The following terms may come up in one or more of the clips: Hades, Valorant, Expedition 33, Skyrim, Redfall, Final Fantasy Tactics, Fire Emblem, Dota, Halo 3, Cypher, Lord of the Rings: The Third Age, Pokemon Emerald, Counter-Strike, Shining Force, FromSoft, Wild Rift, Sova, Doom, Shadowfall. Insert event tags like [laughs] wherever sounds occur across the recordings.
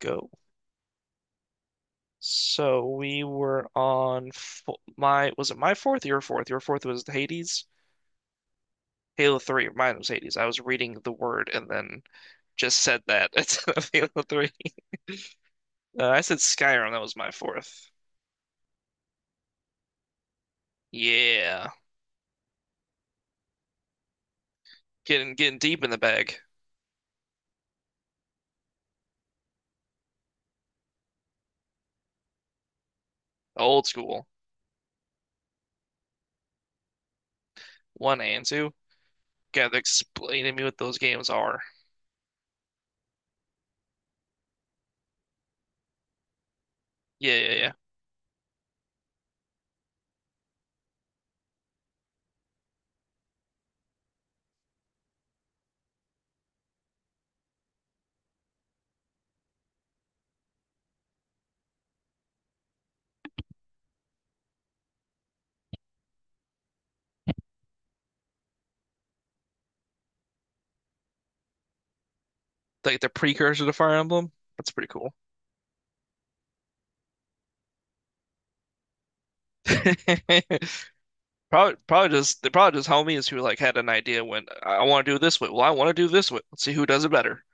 Go. So we were on fo my, was it my fourth? Your fourth. Your fourth was Hades. Halo 3. Mine was Hades. I was reading the word and then just said that [laughs] instead of Halo 3. I said Skyrim. That was my fourth. Yeah. Getting deep in the bag. Old school. One and two. Gotta explain to me what those games are. Yeah, yeah, yeah. Like the precursor to Fire Emblem. That's pretty cool. [laughs] Probably just they probably just homies who like had an idea want to do it this way. Well, I want to do it this way. Let's see who does it better.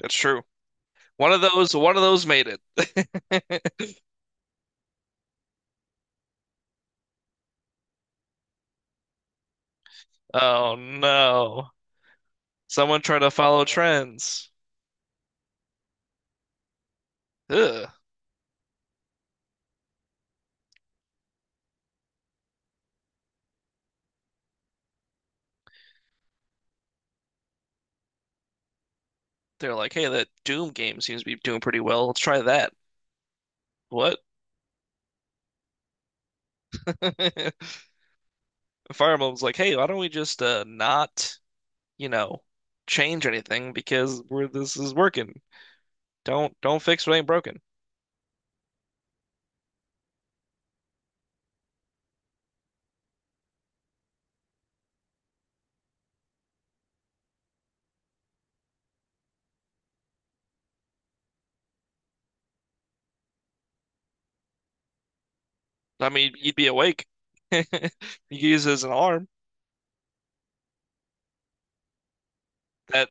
That's true. One of those made it. [laughs] Oh no! Someone tried to follow trends. Ugh. They're like, hey, that Doom game seems to be doing pretty well. Let's try that. What? [laughs] Fire Emblem's like, hey, why don't we just not, you know, change anything because we're this is working. Don't fix what ain't broken. I mean, you'd be awake. [laughs] You could use it as an alarm. That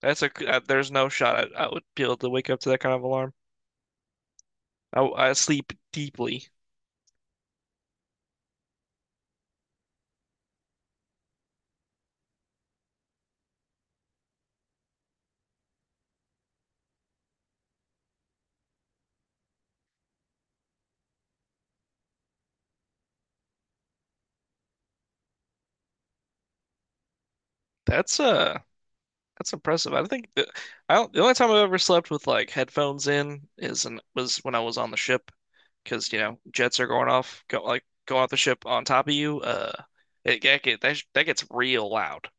that's a, there's no shot I would be able to wake up to that kind of alarm. I sleep deeply. That's uh that's impressive. I don't, the only time I've ever slept with like headphones in is was when I was on the ship because you know jets are going off, go like going off the ship on top of you. That that gets real loud.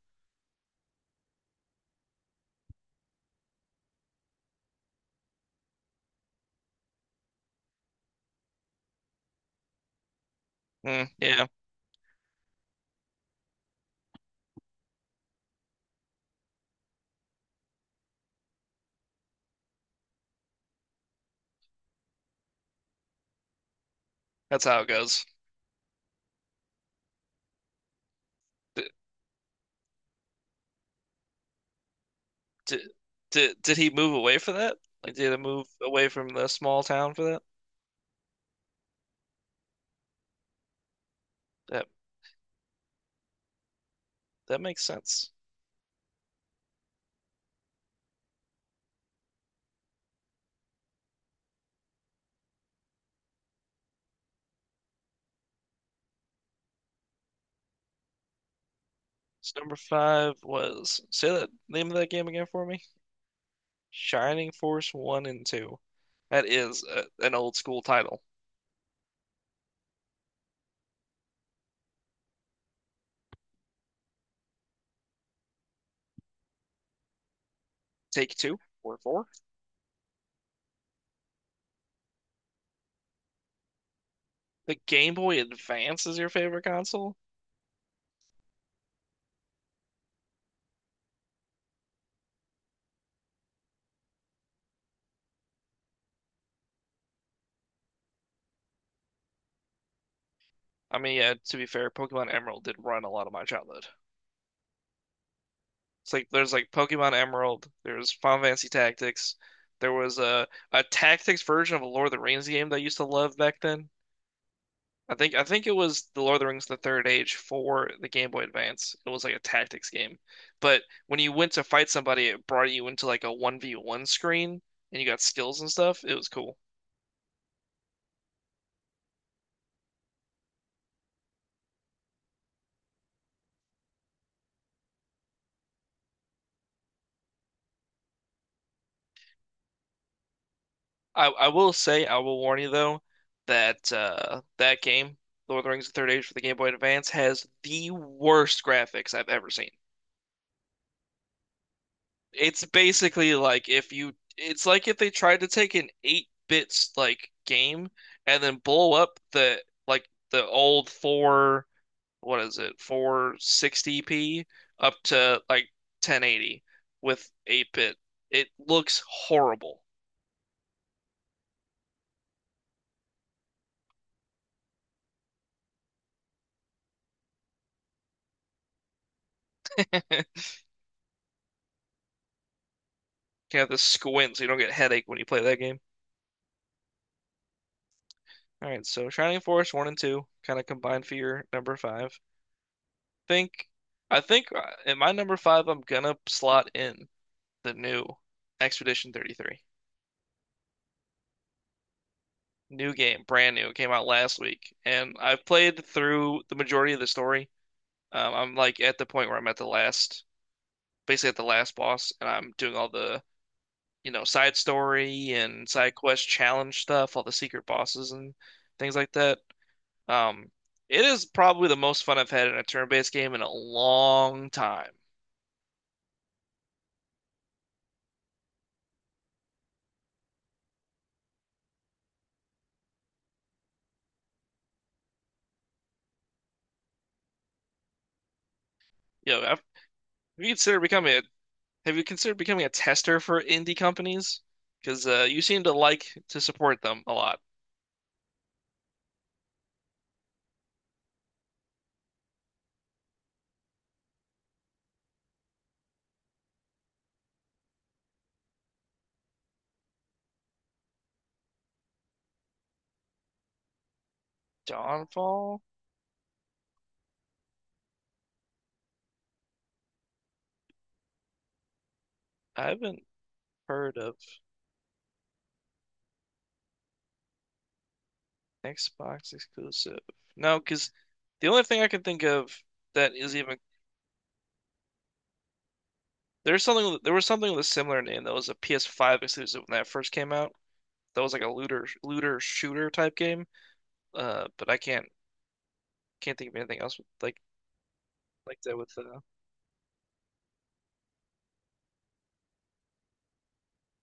Mm, yeah, that's how it goes. Did did he move away for that? Like, did he move away from the small town for that? That that makes sense. So number five was, say that name of that game again for me. Shining Force One and Two. That is a, an old school title. Take two or four. The Game Boy Advance is your favorite console? I mean, yeah. To be fair, Pokemon Emerald did run a lot of my childhood. It's like there's like Pokemon Emerald, there's Final Fantasy Tactics, there was a Tactics version of a Lord of the Rings game that I used to love back then. I think it was the Lord of the Rings: The Third Age for the Game Boy Advance. It was like a tactics game, but when you went to fight somebody, it brought you into like a 1v1 screen and you got skills and stuff. It was cool. I will say, I will warn you though that that game, Lord of the Rings: The Third Age for the Game Boy Advance, has the worst graphics I've ever seen. It's basically like if you, it's like if they tried to take an 8-bit like game and then blow up the like the old 4, what is it, 460p, up to like 1080 with 8-bit. It looks horrible. [laughs] You have to squint so you don't get a headache when you play that game. All right, so Shining Force 1 & 2 kind of combined for your number 5. Think I think in my number 5 I'm gonna slot in the new Expedition 33. New game, brand new. It came out last week, and I've played through the majority of the story. I'm like at the point where I'm at the last, basically at the last boss, and I'm doing all the, you know, side story and side quest challenge stuff, all the secret bosses and things like that. Um, it is probably the most fun I've had in a turn-based game in a long time. You know, I've, if you consider becoming a Have you considered becoming a tester for indie companies? Because you seem to like to support them a lot. Dawnfall? I haven't heard of Xbox exclusive. No, because the only thing I can think of that is even there's something, there was something with a similar name that was a PS5 exclusive when that first came out. That was like a looter shooter type game. But I can't think of anything else with, like that with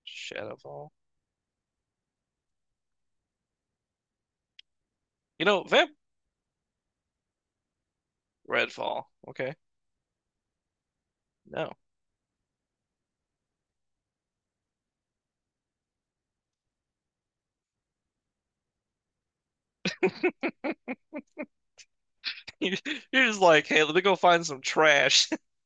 Shadowfall. You know, Vamp Redfall. Okay, no. [laughs] You're just like, hey, let me go find some trash. [laughs]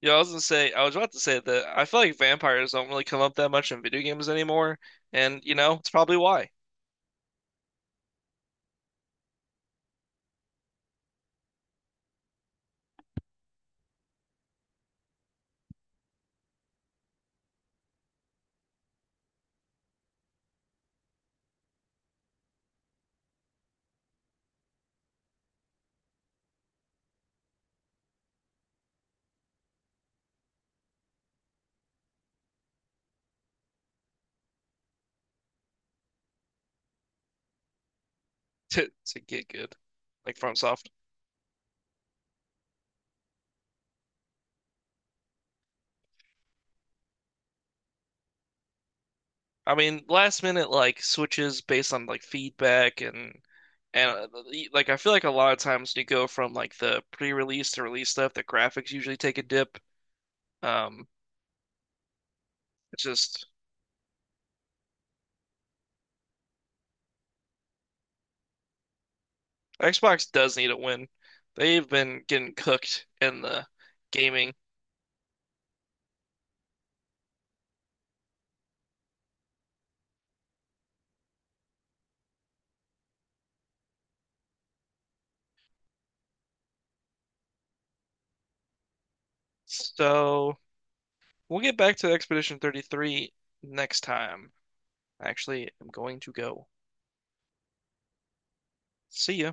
Yeah, I was gonna say, I was about to say that I feel like vampires don't really come up that much in video games anymore, and you know, it's probably why [laughs] to get good, like FromSoft. I mean, last minute like switches based on like feedback and like I feel like a lot of times when you go from like the pre-release to release stuff, the graphics usually take a dip. Um, it's just Xbox does need a win. They've been getting cooked in the gaming. So we'll get back to Expedition 33 next time. Actually, I'm going to go. See ya.